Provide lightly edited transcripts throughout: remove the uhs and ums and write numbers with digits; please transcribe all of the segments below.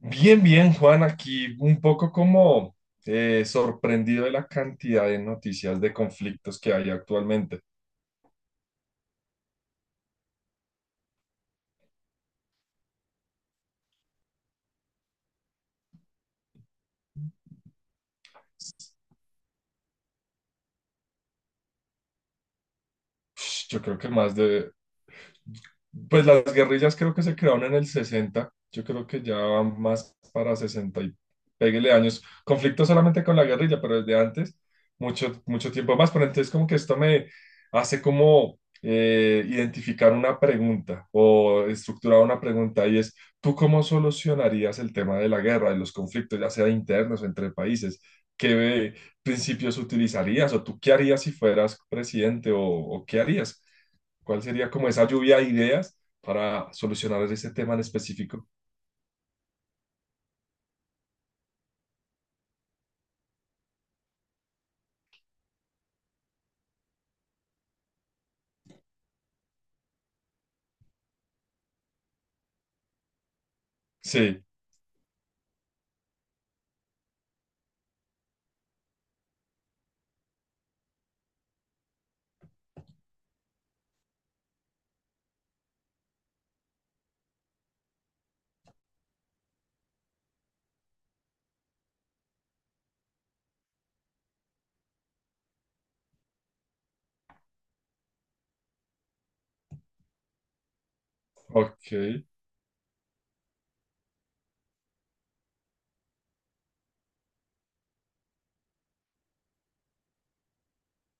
Bien, bien, Juan, aquí un poco como sorprendido de la cantidad de noticias de conflictos que hay actualmente. Yo creo que más de Pues las guerrillas creo que se crearon en el 60. Yo creo que ya van más para 60 y péguele años. Conflicto solamente con la guerrilla, pero desde antes, mucho tiempo más. Pero entonces como que esto me hace como identificar una pregunta o estructurar una pregunta, y es, ¿tú cómo solucionarías el tema de la guerra, de los conflictos, ya sea internos o entre países? ¿Qué principios utilizarías? O tú ¿qué harías si fueras presidente? ¿O qué harías? ¿Cuál sería como esa lluvia de ideas para solucionar ese tema en específico? Sí, ok,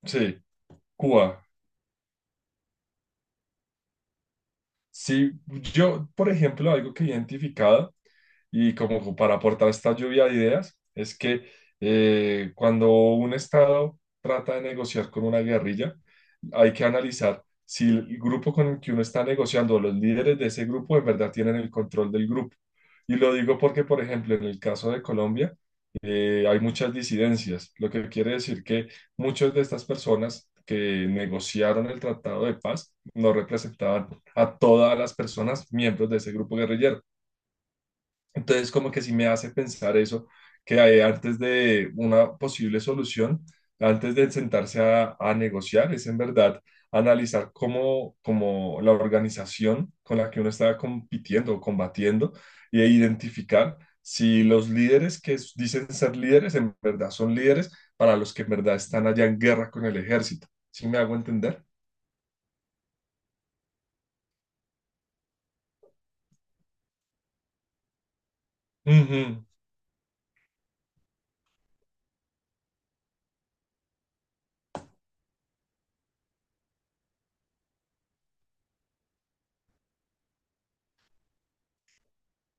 sí, Cuba. Sí, yo, por ejemplo, algo que he identificado y como para aportar esta lluvia de ideas es que cuando un Estado trata de negociar con una guerrilla, hay que analizar si el grupo con el que uno está negociando, los líderes de ese grupo, en verdad tienen el control del grupo. Y lo digo porque, por ejemplo, en el caso de Colombia, hay muchas disidencias, lo que quiere decir que muchas de estas personas que negociaron el tratado de paz no representaban a todas las personas miembros de ese grupo guerrillero. Entonces, como que sí me hace pensar eso, que hay antes de una posible solución, antes de sentarse a negociar, es en verdad analizar cómo la organización con la que uno está compitiendo o combatiendo e identificar si los líderes que dicen ser líderes en verdad son líderes para los que en verdad están allá en guerra con el ejército. ¿Sí me hago entender? Ujú.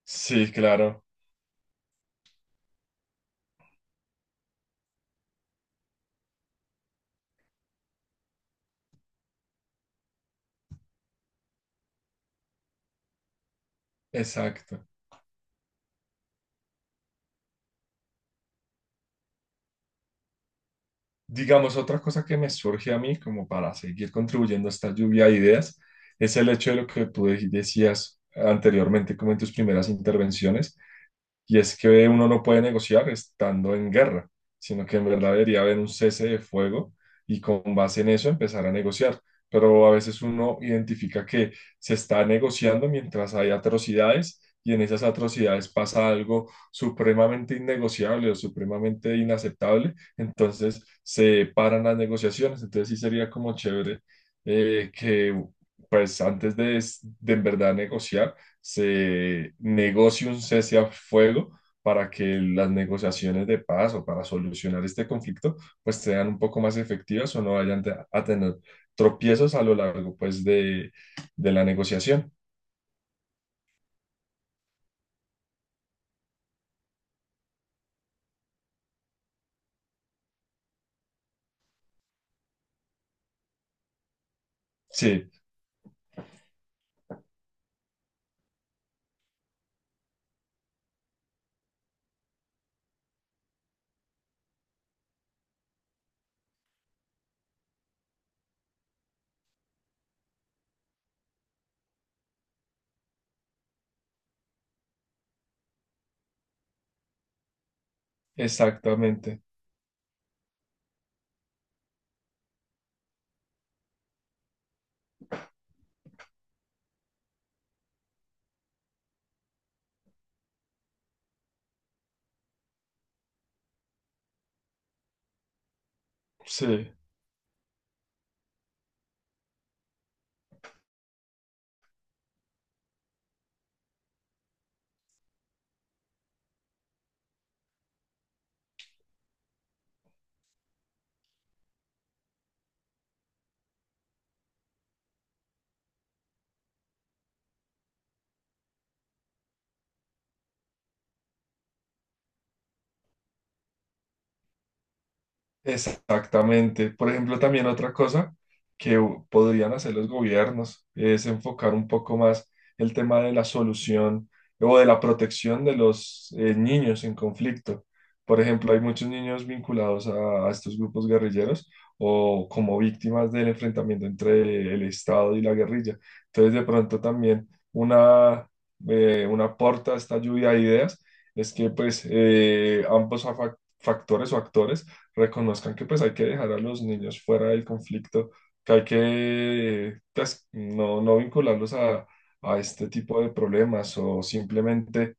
Sí, claro, exacto. Digamos, otra cosa que me surge a mí como para seguir contribuyendo a esta lluvia de ideas es el hecho de lo que tú decías anteriormente, como en tus primeras intervenciones, y es que uno no puede negociar estando en guerra, sino que en verdad debería haber un cese de fuego y con base en eso empezar a negociar. Pero a veces uno identifica que se está negociando mientras hay atrocidades, y en esas atrocidades pasa algo supremamente innegociable o supremamente inaceptable, entonces se paran las negociaciones. Entonces sí sería como chévere que pues antes de en verdad negociar, se negocie un cese a fuego para que las negociaciones de paz o para solucionar este conflicto pues sean un poco más efectivas o no vayan a tener tropiezos a lo largo pues de la negociación. Sí, exactamente. Sí. Exactamente. Por ejemplo, también otra cosa que podrían hacer los gobiernos es enfocar un poco más el tema de la solución o de la protección de los niños en conflicto. Por ejemplo, hay muchos niños vinculados a estos grupos guerrilleros o como víctimas del enfrentamiento entre el Estado y la guerrilla. Entonces, de pronto también una, una aporta a esta lluvia de ideas es que pues ambos factores o actores reconozcan que pues hay que dejar a los niños fuera del conflicto, que hay que pues, no, no vincularlos a este tipo de problemas, o simplemente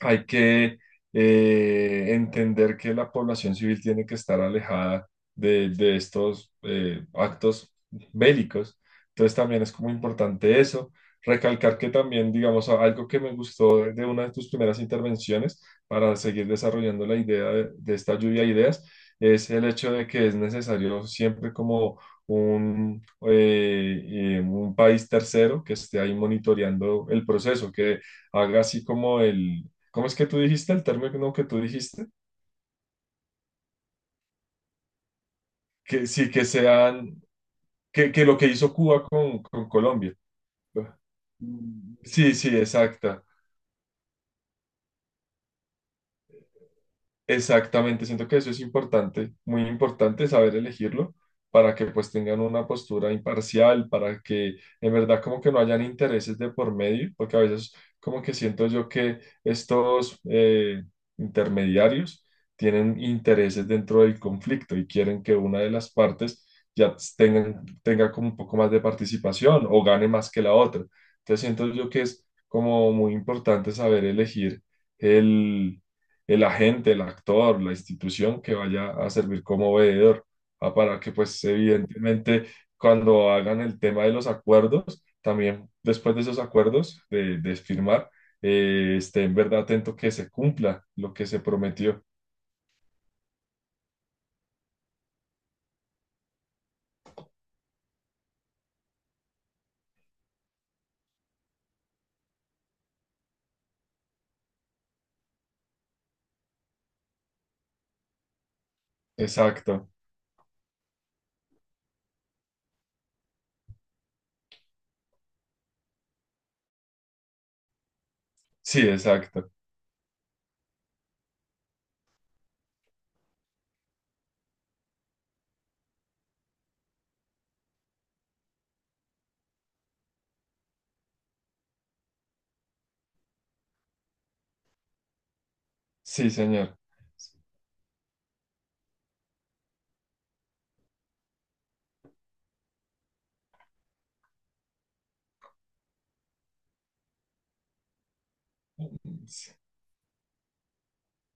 hay que entender que la población civil tiene que estar alejada de estos actos bélicos. Entonces también es como importante eso. Recalcar que también, digamos, algo que me gustó de una de tus primeras intervenciones para seguir desarrollando la idea de esta lluvia de ideas es el hecho de que es necesario siempre como un, un país tercero que esté ahí monitoreando el proceso, que haga así como el, ¿cómo es que tú dijiste? ¿El término que tú dijiste? Que sí, que lo que hizo Cuba con Colombia. Mm, sí, sí, exacta. Exactamente, siento que eso es importante, muy importante saber elegirlo para que pues tengan una postura imparcial, para que en verdad como que no hayan intereses de por medio, porque a veces como que siento yo que estos intermediarios tienen intereses dentro del conflicto y quieren que una de las partes tenga como un poco más de participación o gane más que la otra. Entonces siento yo que es como muy importante saber elegir el agente, el actor, la institución que vaya a servir como veedor, ah, para que pues evidentemente cuando hagan el tema de los acuerdos, también después de esos acuerdos de firmar, esté en verdad atento que se cumpla lo que se prometió. Exacto, sí, exacto, sí, señor.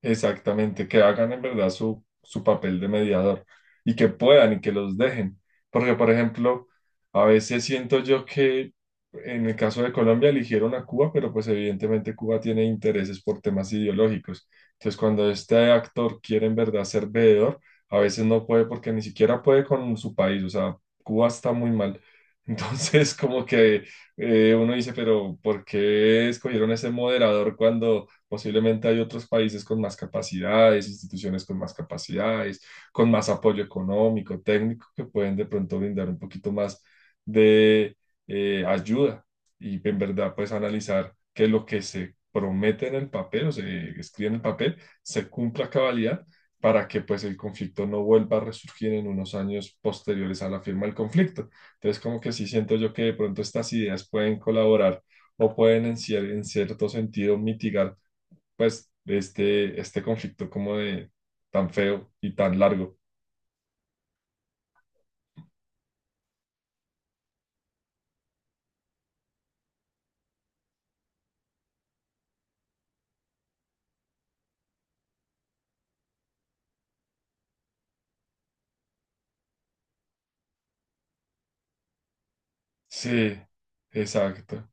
Exactamente, que hagan en verdad su papel de mediador y que puedan y que los dejen. Porque, por ejemplo, a veces siento yo que en el caso de Colombia eligieron a Cuba, pero pues evidentemente Cuba tiene intereses por temas ideológicos. Entonces, cuando este actor quiere en verdad ser veedor, a veces no puede porque ni siquiera puede con su país. O sea, Cuba está muy mal. Entonces, como que uno dice, pero ¿por qué escogieron ese moderador cuando... posiblemente hay otros países con más capacidades, instituciones con más capacidades, con más apoyo económico, técnico, que pueden de pronto brindar un poquito más de ayuda y en verdad pues analizar que lo que se promete en el papel o se escribe en el papel se cumpla a cabalidad para que pues el conflicto no vuelva a resurgir en unos años posteriores a la firma del conflicto? Entonces como que sí siento yo que de pronto estas ideas pueden colaborar o pueden en cierto sentido mitigar pues, de este conflicto como de tan feo y tan largo. Sí, exacto.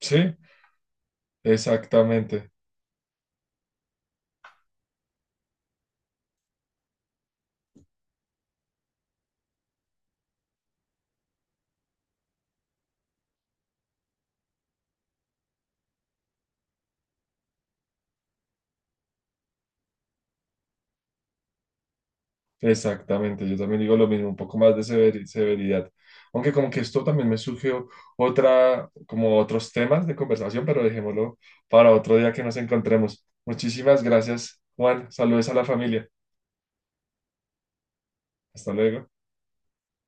Sí, exactamente, exactamente. Yo también digo lo mismo, un poco más de severidad. Aunque como que esto también me surgió otra, como otros temas de conversación, pero dejémoslo para otro día que nos encontremos. Muchísimas gracias, Juan. Saludos a la familia. Hasta luego.